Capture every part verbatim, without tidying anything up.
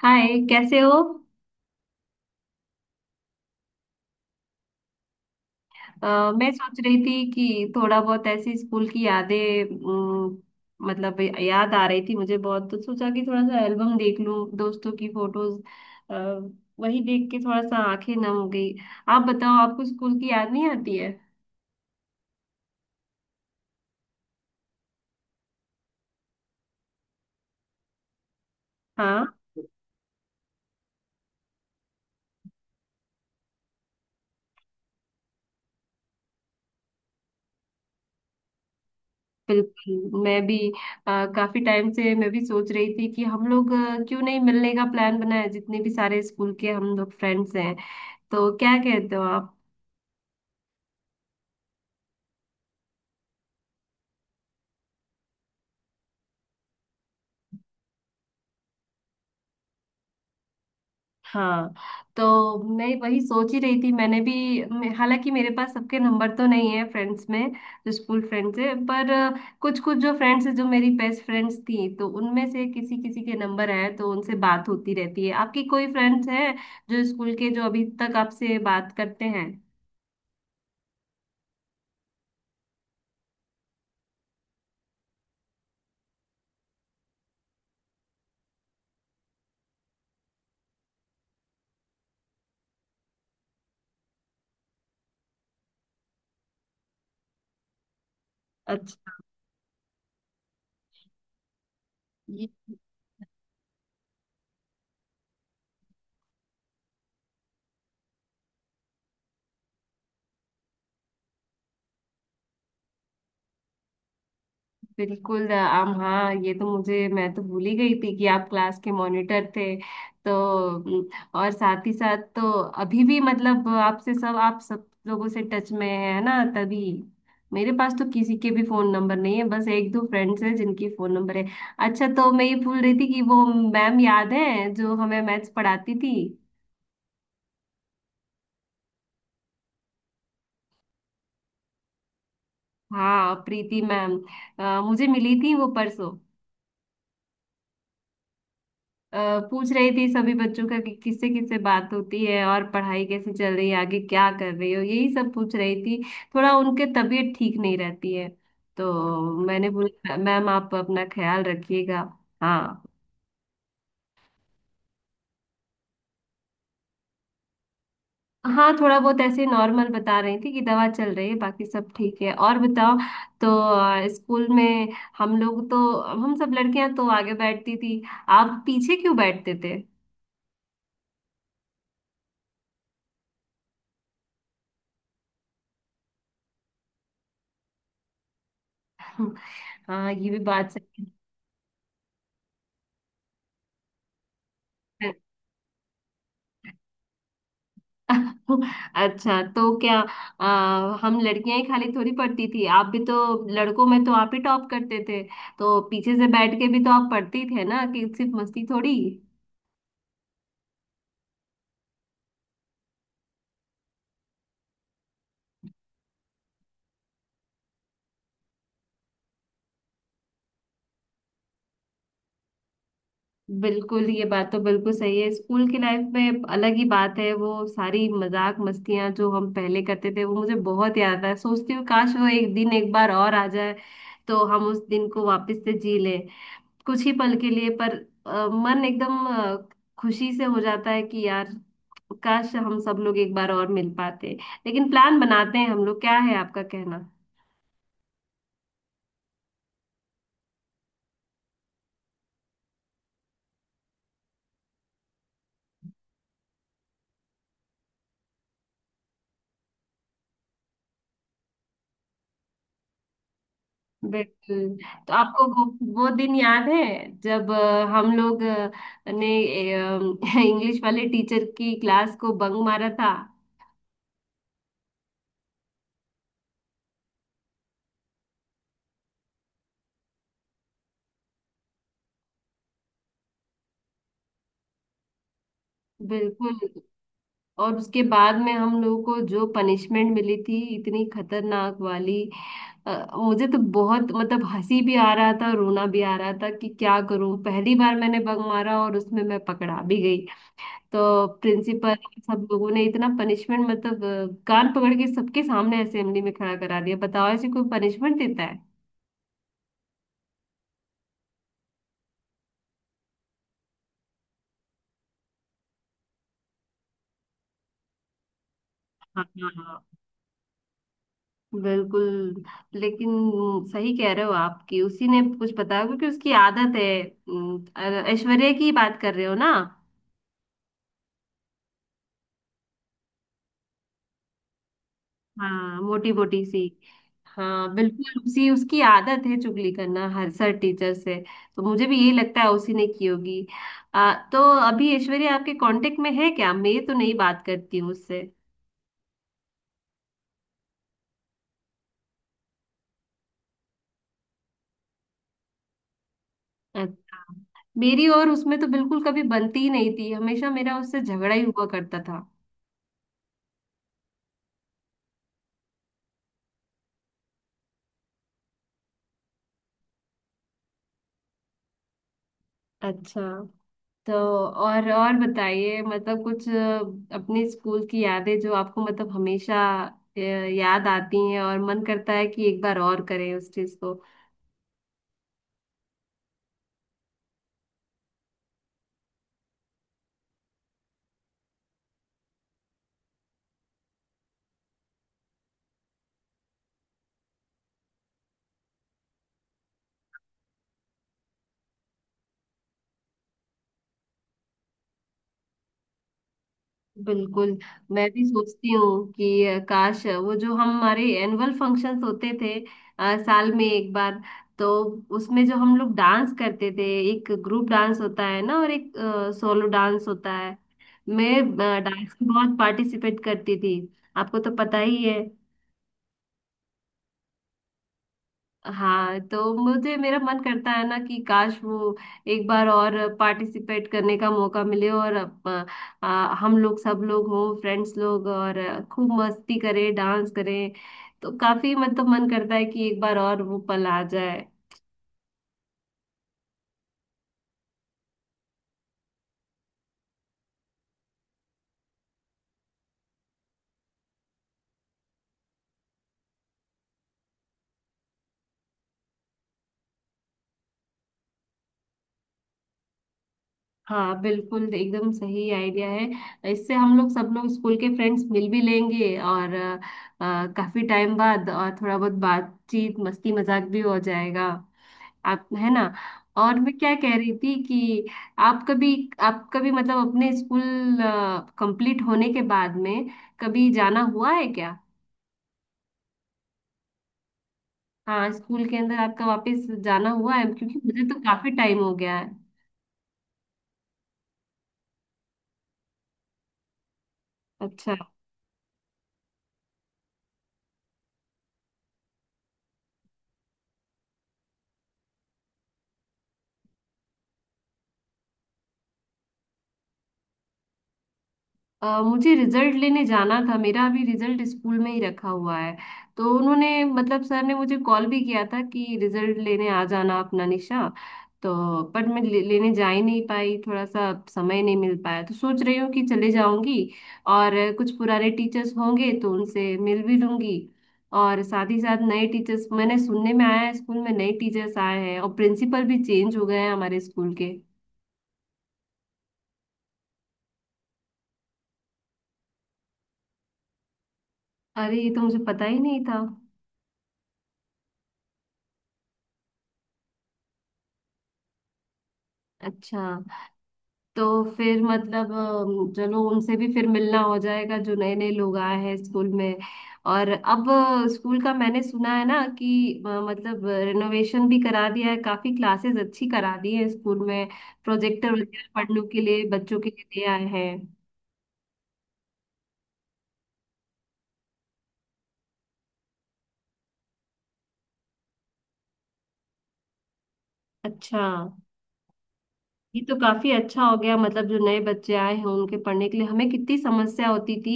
हाय कैसे हो। अ, मैं सोच रही थी कि थोड़ा बहुत ऐसी स्कूल की यादें अम, मतलब याद आ रही थी मुझे बहुत। तो सोचा कि थोड़ा सा एल्बम देख लूं दोस्तों की फोटोज। वही देख के थोड़ा सा आंखें नम हो गई। आप बताओ आपको स्कूल की याद नहीं आती है? हाँ, बिल्कुल मैं भी। अ, काफी टाइम से मैं भी सोच रही थी कि हम लोग अ, क्यों नहीं मिलने का प्लान बनाए, जितने भी सारे स्कूल के हम लोग फ्रेंड्स हैं। तो क्या कहते हो आप? हाँ, तो मैं वही सोच ही रही थी, मैंने भी। मैं- हालांकि मेरे पास सबके नंबर तो नहीं है फ्रेंड्स में, जो स्कूल फ्रेंड्स है। पर कुछ कुछ जो फ्रेंड्स है, जो मेरी बेस्ट फ्रेंड्स थी, तो उनमें से किसी किसी के नंबर है, तो उनसे बात होती रहती है। आपकी कोई फ्रेंड्स है जो स्कूल के, जो अभी तक आपसे बात करते हैं? अच्छा। बिल्कुल आम हाँ, ये तो मुझे, मैं तो भूल ही गई थी कि आप क्लास के मॉनिटर थे। तो उम, और साथ ही साथ तो अभी भी मतलब आपसे सब, आप सब लोगों से टच में है ना, तभी। मेरे पास तो किसी के भी फोन नंबर नहीं है, बस एक दो फ्रेंड्स हैं जिनकी फोन नंबर है। अच्छा, तो मैं ये भूल रही थी कि वो मैम याद है जो हमें मैथ्स पढ़ाती थी। हाँ, प्रीति मैम। अ, मुझे मिली थी वो परसों। अ, पूछ रही थी सभी बच्चों का कि किससे किससे बात होती है और पढ़ाई कैसी चल रही है, आगे क्या कर रही हो, यही सब पूछ रही थी। थोड़ा उनके तबीयत ठीक नहीं रहती है, तो मैंने बोला मैम आप अपना ख्याल रखिएगा। हाँ। हाँ, थोड़ा बहुत ऐसे नॉर्मल बता रही थी कि दवा चल रही है, बाकी सब ठीक है। और बताओ। तो अ, स्कूल में हम लोग, तो हम सब लड़कियां तो आगे बैठती थी, आप पीछे क्यों बैठते थे? हाँ, ये भी बात सही है। अच्छा, तो क्या आ, हम लड़कियां ही खाली थोड़ी पढ़ती थी, आप भी तो। लड़कों में तो आप ही टॉप करते थे, तो पीछे से बैठ के भी तो आप पढ़ती थे ना, कि सिर्फ मस्ती थोड़ी। बिल्कुल, ये बात तो बिल्कुल सही है। स्कूल की लाइफ में अलग ही बात है, वो सारी मजाक मस्तियां जो हम पहले करते थे, वो मुझे बहुत याद आता है। सोचती हूँ काश वो एक दिन एक बार और आ जाए, तो हम उस दिन को वापस से जी ले, कुछ ही पल के लिए पर। अ, मन एकदम अ, खुशी से हो जाता है कि यार काश हम सब लोग एक बार और मिल पाते। लेकिन प्लान बनाते हैं हम लोग, क्या है आपका कहना? बिल्कुल। तो आपको वो वो दिन याद है जब अ, हम लोग अ, ने इंग्लिश वाले टीचर की क्लास को बंक मारा था? बिल्कुल। और उसके बाद में हम लोगों को जो पनिशमेंट मिली थी, इतनी खतरनाक वाली। अ, मुझे तो बहुत, मतलब हंसी भी आ रहा था, रोना भी आ रहा था कि क्या करूं। पहली बार मैंने बग मारा और उसमें मैं पकड़ा भी गई। तो प्रिंसिपल, सब लोगों ने इतना पनिशमेंट मतलब अ, कान पकड़ के सबके सामने असेंबली में खड़ा करा दिया। बताओ ऐसे कोई पनिशमेंट देता है? हाँ हाँ हाँ। बिल्कुल। लेकिन सही कह रहे हो, आपकी, उसी ने कुछ बताया क्योंकि उसकी आदत है। अम, ऐश्वर्या की बात कर रहे हो ना? हाँ, मोटी मोटी सी। हाँ, बिल्कुल उसी, उसकी आदत है चुगली करना हर सर टीचर से। तो मुझे भी यही लगता है उसी ने की होगी। आ, तो अभी ऐश्वर्या आपके कांटेक्ट में है क्या? मैं तो नहीं बात करती हूँ उससे। अच्छा। मेरी और उसमें तो बिल्कुल कभी बनती ही नहीं थी, हमेशा मेरा उससे झगड़ा ही हुआ करता था। अच्छा, तो और और बताइए मतलब कुछ अ, अपने स्कूल की यादें जो आपको मतलब हमेशा अ, याद आती हैं और मन करता है कि एक बार और करें उस चीज को। बिल्कुल। मैं भी सोचती हूँ कि अ, काश अ, वो जो हम, हमारे एनुअल फंक्शंस होते थे अ, साल में एक बार, तो उसमें जो हम लोग डांस करते थे, एक ग्रुप डांस होता है ना और एक सोलो डांस होता है। मैं डांस में बहुत पार्टिसिपेट करती थी, आपको तो पता ही है। हाँ, तो मुझे, मेरा मन करता है ना कि काश वो एक बार और पार्टिसिपेट करने का मौका मिले और अप- आ, हम लोग, सब लोग हों, फ्रेंड्स लोग, और खूब मस्ती करें, डांस करें। तो काफी मतलब मन करता है कि एक बार और वो पल आ जाए। हाँ, बिल्कुल एकदम सही आइडिया है। इससे हम लोग सब लोग स्कूल के फ्रेंड्स मिल भी लेंगे और आ, काफी टाइम बाद, और थोड़ा बहुत बातचीत, मस्ती मजाक भी हो जाएगा। आप है ना, और मैं क्या कह रही थी कि आप कभी, आप कभी मतलब अपने स्कूल कंप्लीट होने के बाद में कभी जाना हुआ है क्या? हाँ स्कूल के अंदर आपका वापस जाना हुआ है, क्योंकि मुझे तो काफी टाइम हो गया है। अच्छा। अ, मुझे रिजल्ट लेने जाना था, मेरा अभी रिजल्ट स्कूल में ही रखा हुआ है। तो उन्होंने मतलब सर ने मुझे कॉल भी किया था कि रिजल्ट लेने आ जाना अपना निशा। तो पर मैं ले, लेने जा ही नहीं पाई, थोड़ा सा समय नहीं मिल पाया। तो सोच रही हूँ कि चले जाऊंगी और कुछ पुराने टीचर्स होंगे तो उनसे मिल भी लूंगी। और साथ ही साथ नए टीचर्स, मैंने सुनने में आया है स्कूल में नए टीचर्स आए हैं, और प्रिंसिपल भी चेंज हो गए हैं हमारे स्कूल के। अरे, ये तो मुझे पता ही नहीं था। अच्छा, तो फिर मतलब अम, चलो उनसे भी फिर मिलना हो जाएगा जो नए नए लोग आए हैं स्कूल में। और अब अ, स्कूल का मैंने सुना है ना कि अ, मतलब रिनोवेशन भी करा दिया है, काफी क्लासेस अच्छी करा दी है स्कूल में। प्रोजेक्टर वगैरह पढ़ने के लिए बच्चों के लिए दे आए हैं। अच्छा। ये तो काफी अच्छा हो गया। मतलब जो नए बच्चे आए हैं उनके पढ़ने के लिए, हमें कितनी समस्या होती थी।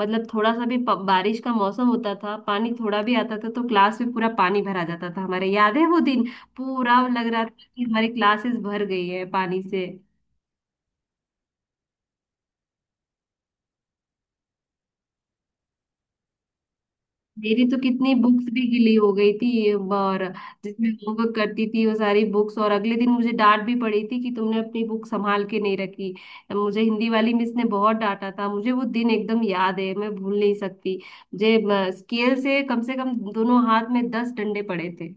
मतलब थोड़ा सा भी प- बारिश का मौसम होता था, पानी थोड़ा भी आता था तो क्लास में पूरा पानी भरा जाता था हमारे, याद है वो दिन? पूरा लग रहा था कि हमारी क्लासेस भर गई है पानी से। मेरी तो कितनी बुक्स भी गिली हो गई थी ये, और जिसमें होमवर्क करती थी वो सारी बुक्स। और अगले दिन मुझे डांट भी पड़ी थी कि तुमने अपनी बुक संभाल के नहीं रखी। मुझे हिंदी वाली मिस ने बहुत डांटा था मुझे, वो दिन एकदम याद है, मैं भूल नहीं सकती मुझे। स्केल से कम से कम दोनों हाथ में दस डंडे पड़े थे।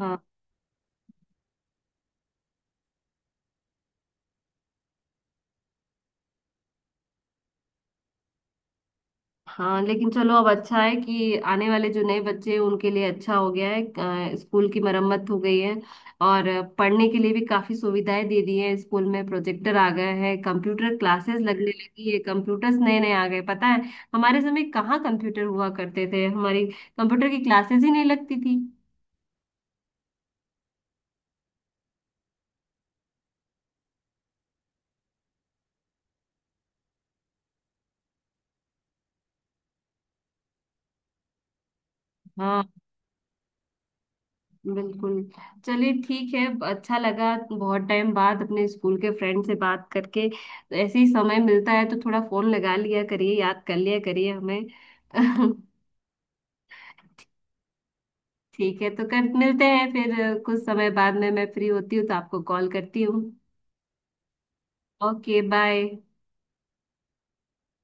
हाँ। हाँ, लेकिन चलो अब अच्छा है कि आने वाले जो नए बच्चे हैं उनके लिए अच्छा हो गया है। अ, स्कूल की मरम्मत हो गई है और पढ़ने के लिए भी काफी सुविधाएं दे दी हैं। स्कूल में प्रोजेक्टर आ गए हैं, कंप्यूटर क्लासेस लगने लगी है, कंप्यूटर्स नए नए आ गए, पता है? हमारे समय कहाँ कंप्यूटर हुआ करते थे, हमारी कंप्यूटर की क्लासेस ही नहीं लगती थी। हाँ, बिल्कुल। चलिए ठीक है। अच्छा लगा बहुत टाइम बाद अपने स्कूल के फ्रेंड से बात करके। ऐसे ही समय मिलता है तो थोड़ा फोन लगा लिया करिए, याद कर लिया करिए हमें। ठीक है, तो कर मिलते हैं फिर, कुछ समय बाद में मैं फ्री होती हूँ तो आपको कॉल करती हूँ। Okay, bye.